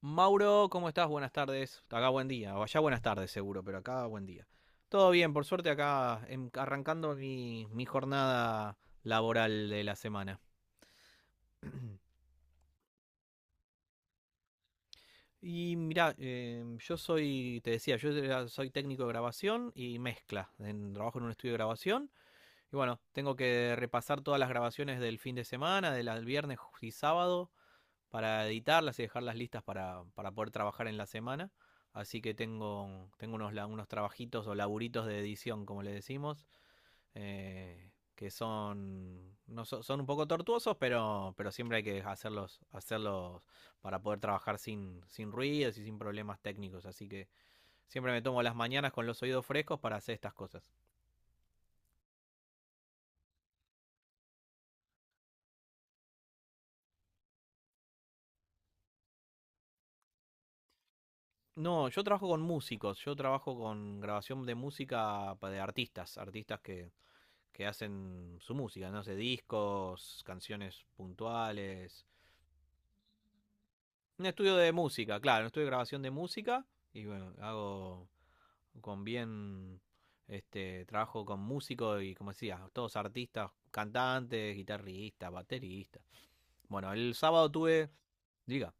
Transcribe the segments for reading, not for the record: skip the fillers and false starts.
Mauro, ¿cómo estás? Buenas tardes. Acá buen día. O allá buenas tardes seguro, pero acá buen día. Todo bien, por suerte acá arrancando mi jornada laboral de la semana. Y mirá, yo soy, te decía, soy técnico de grabación y mezcla. En, trabajo en un estudio de grabación. Y bueno, tengo que repasar todas las grabaciones del fin de semana, del viernes y sábado para editarlas y dejarlas listas para poder trabajar en la semana. Así que tengo, tengo unos, unos trabajitos o laburitos de edición, como le decimos, que son, no, son un poco tortuosos, pero siempre hay que hacerlos, hacerlos para poder trabajar sin, sin ruidos y sin problemas técnicos. Así que siempre me tomo las mañanas con los oídos frescos para hacer estas cosas. No, yo trabajo con músicos, yo trabajo con grabación de música de artistas, artistas que hacen su música, no sé, discos, canciones puntuales. Un estudio de música, claro, un estudio de grabación de música. Y bueno, hago con bien, este, trabajo con músicos y como decía, todos artistas, cantantes, guitarristas, bateristas. Bueno, el sábado tuve, diga.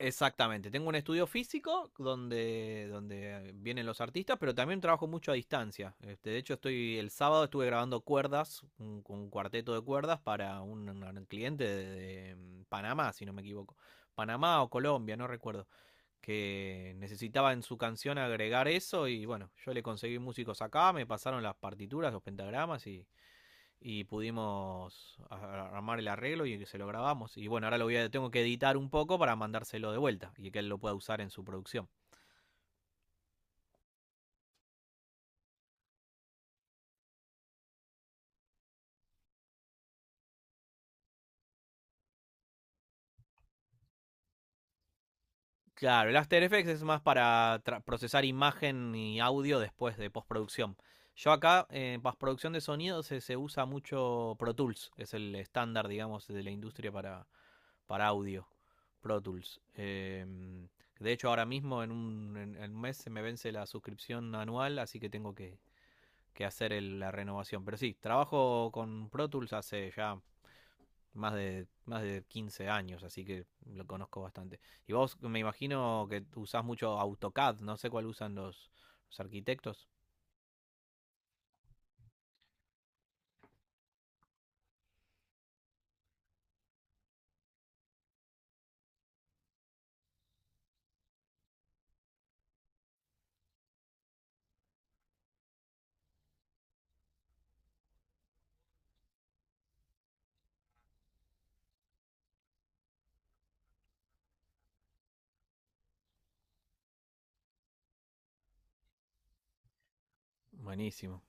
Exactamente, tengo un estudio físico donde, donde vienen los artistas, pero también trabajo mucho a distancia. Este, de hecho, estoy el sábado estuve grabando cuerdas, un cuarteto de cuerdas para un cliente de Panamá, si no me equivoco. Panamá o Colombia, no recuerdo, que necesitaba en su canción agregar eso y bueno, yo le conseguí músicos acá, me pasaron las partituras, los pentagramas y pudimos armar el arreglo y se lo grabamos. Y bueno, ahora lo voy a, tengo que editar un poco para mandárselo de vuelta y que él lo pueda usar en su producción. Claro, el After Effects es más para procesar imagen y audio después de postproducción. Yo acá en postproducción de sonido se, se usa mucho Pro Tools, que es el estándar, digamos, de la industria para audio. Pro Tools. De hecho, ahora mismo en un, en un mes se me vence la suscripción anual, así que tengo que hacer la renovación. Pero sí, trabajo con Pro Tools hace ya más de 15 años, así que lo conozco bastante. Y vos me imagino que usás mucho AutoCAD, no sé cuál usan los arquitectos. Buenísimo.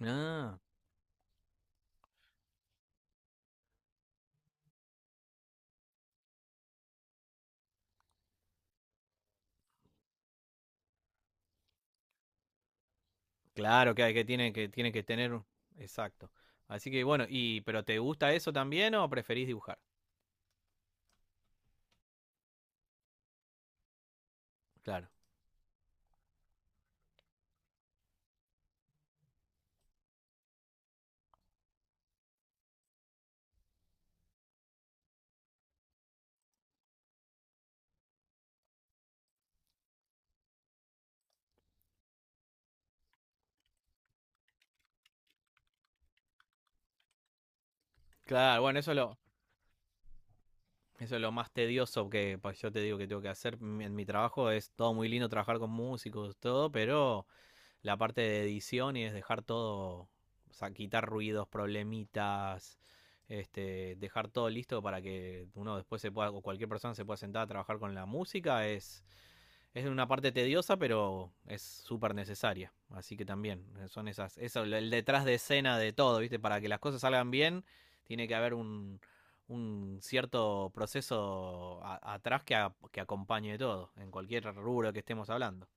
Ah, claro que, que tiene que tener, un- exacto. Así que bueno, y pero ¿te gusta eso también o preferís dibujar? Claro. Claro, bueno, eso es lo más tedioso que pues, yo te digo que tengo que hacer en mi trabajo es todo muy lindo trabajar con músicos, todo, pero la parte de edición y es dejar todo, o sea, quitar ruidos, problemitas, este, dejar todo listo para que uno después se pueda, o cualquier persona se pueda sentar a trabajar con la música, es una parte tediosa, pero es súper necesaria. Así que también, son esas, eso, el detrás de escena de todo, ¿viste? Para que las cosas salgan bien, tiene que haber un cierto proceso atrás que, que acompañe todo, en cualquier rubro que estemos hablando.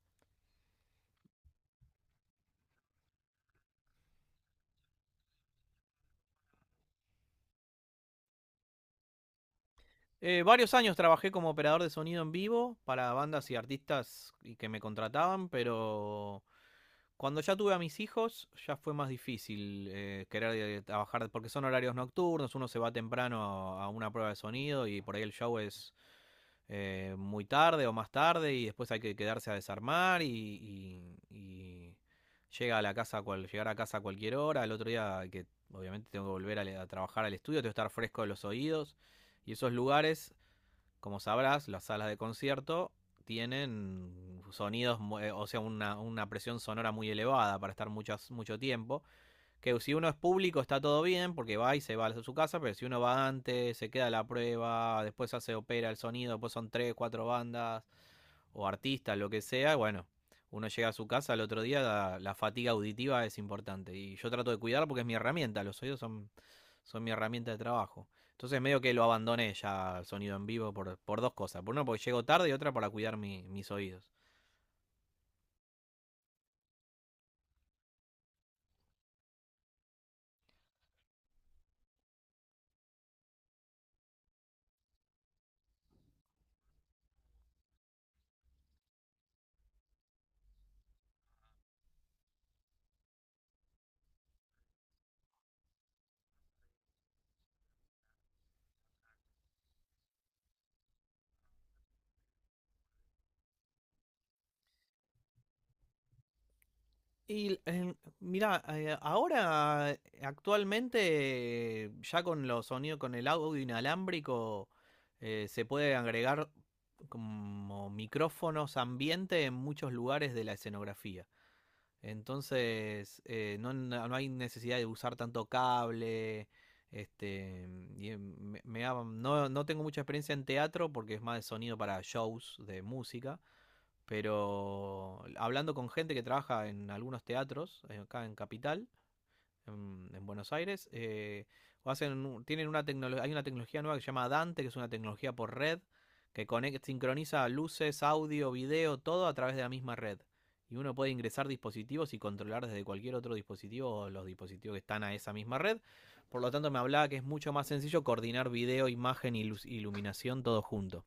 Varios años trabajé como operador de sonido en vivo para bandas y artistas y que me contrataban, pero cuando ya tuve a mis hijos ya fue más difícil querer trabajar porque son horarios nocturnos, uno se va temprano a una prueba de sonido y por ahí el show es muy tarde o más tarde y después hay que quedarse a desarmar y, y llega a la casa cual, llegar a casa a cualquier hora, el otro día que obviamente tengo que volver a trabajar al estudio, tengo que estar fresco de los oídos y esos lugares como sabrás, las salas de concierto tienen sonidos, o sea, una presión sonora muy elevada para estar muchas, mucho tiempo. Que si uno es público está todo bien, porque va y se va a su casa, pero si uno va antes, se queda la prueba, después se opera el sonido, después son tres, cuatro bandas o artistas, lo que sea, bueno, uno llega a su casa al otro día, la fatiga auditiva es importante. Y yo trato de cuidarla porque es mi herramienta, los oídos son, son mi herramienta de trabajo. Entonces medio que lo abandoné ya al sonido en vivo por dos cosas. Por una porque llego tarde y otra para cuidar mis oídos. Y mira, ahora actualmente ya con los sonidos, con el audio inalámbrico, se puede agregar como micrófonos ambiente en muchos lugares de la escenografía. Entonces, no, no hay necesidad de usar tanto cable. Este, y no, no tengo mucha experiencia en teatro porque es más de sonido para shows de música, pero hablando con gente que trabaja en algunos teatros, acá en Capital, en Buenos Aires. O hacen, tienen una tecnología, hay una tecnología nueva que se llama Dante, que es una tecnología por red, que conecta sincroniza luces, audio, video, todo a través de la misma red. Y uno puede ingresar dispositivos y controlar desde cualquier otro dispositivo los dispositivos que están a esa misma red. Por lo tanto, me hablaba que es mucho más sencillo coordinar video, imagen y iluminación todo junto.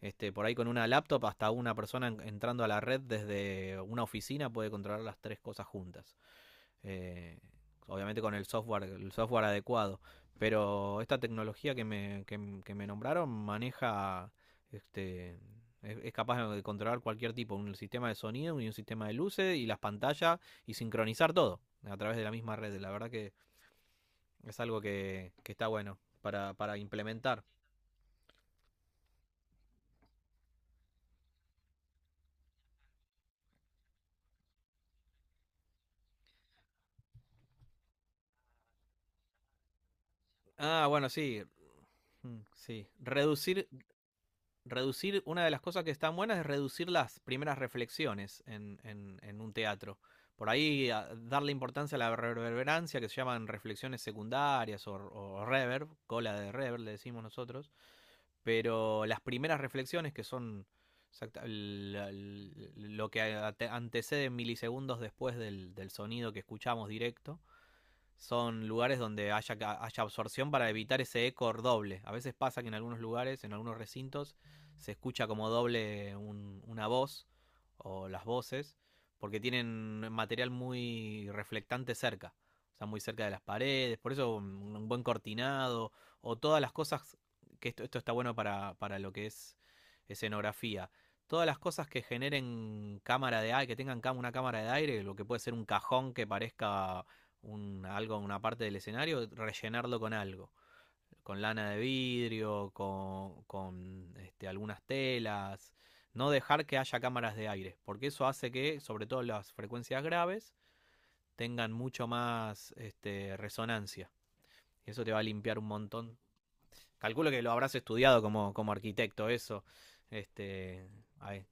Este, por ahí con una laptop hasta una persona entrando a la red desde una oficina puede controlar las tres cosas juntas eh, obviamente con el software adecuado. Pero esta tecnología que me nombraron maneja, este, es capaz de controlar cualquier tipo, un sistema de sonido y un sistema de luces y las pantallas y sincronizar todo a través de la misma red. La verdad que es algo que está bueno para implementar. Ah, bueno, sí, mm, sí. Reducir reducir, una de las cosas que están buenas es reducir las primeras reflexiones en un teatro. Por ahí darle importancia a la reverberancia, que se llaman reflexiones secundarias o reverb, cola de reverb le decimos nosotros, pero las primeras reflexiones que son lo que antecede milisegundos después del, del sonido que escuchamos directo, son lugares donde haya, haya absorción para evitar ese eco doble. A veces pasa que en algunos lugares, en algunos recintos, se escucha como doble una voz o las voces, porque tienen material muy reflectante cerca, o sea, muy cerca de las paredes, por eso un buen cortinado o todas las cosas, que esto está bueno para lo que es escenografía. Todas las cosas que generen cámara de aire, que tengan una cámara de aire, lo que puede ser un cajón que parezca un, algo, una parte del escenario, rellenarlo con algo, con lana de vidrio, con este, algunas telas, no dejar que haya cámaras de aire, porque eso hace que, sobre todo las frecuencias graves, tengan mucho más este, resonancia. Y eso te va a limpiar un montón. Calculo que lo habrás estudiado como, como arquitecto, eso. Este, ahí.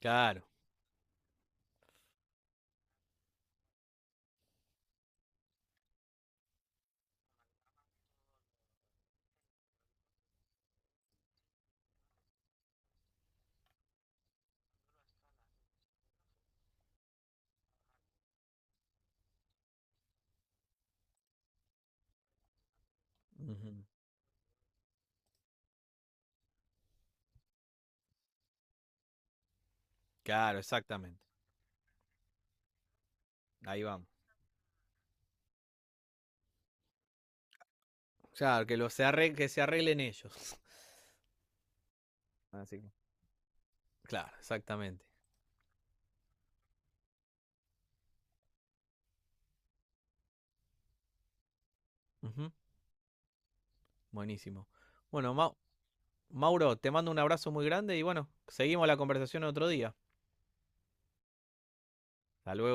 Claro. Ujú. Claro, exactamente. Ahí vamos. Claro, que, que se arreglen ellos. Así claro, exactamente. Ujú, buenísimo. Bueno, Mauro, te mando un abrazo muy grande y bueno, seguimos la conversación otro día. Hasta luego.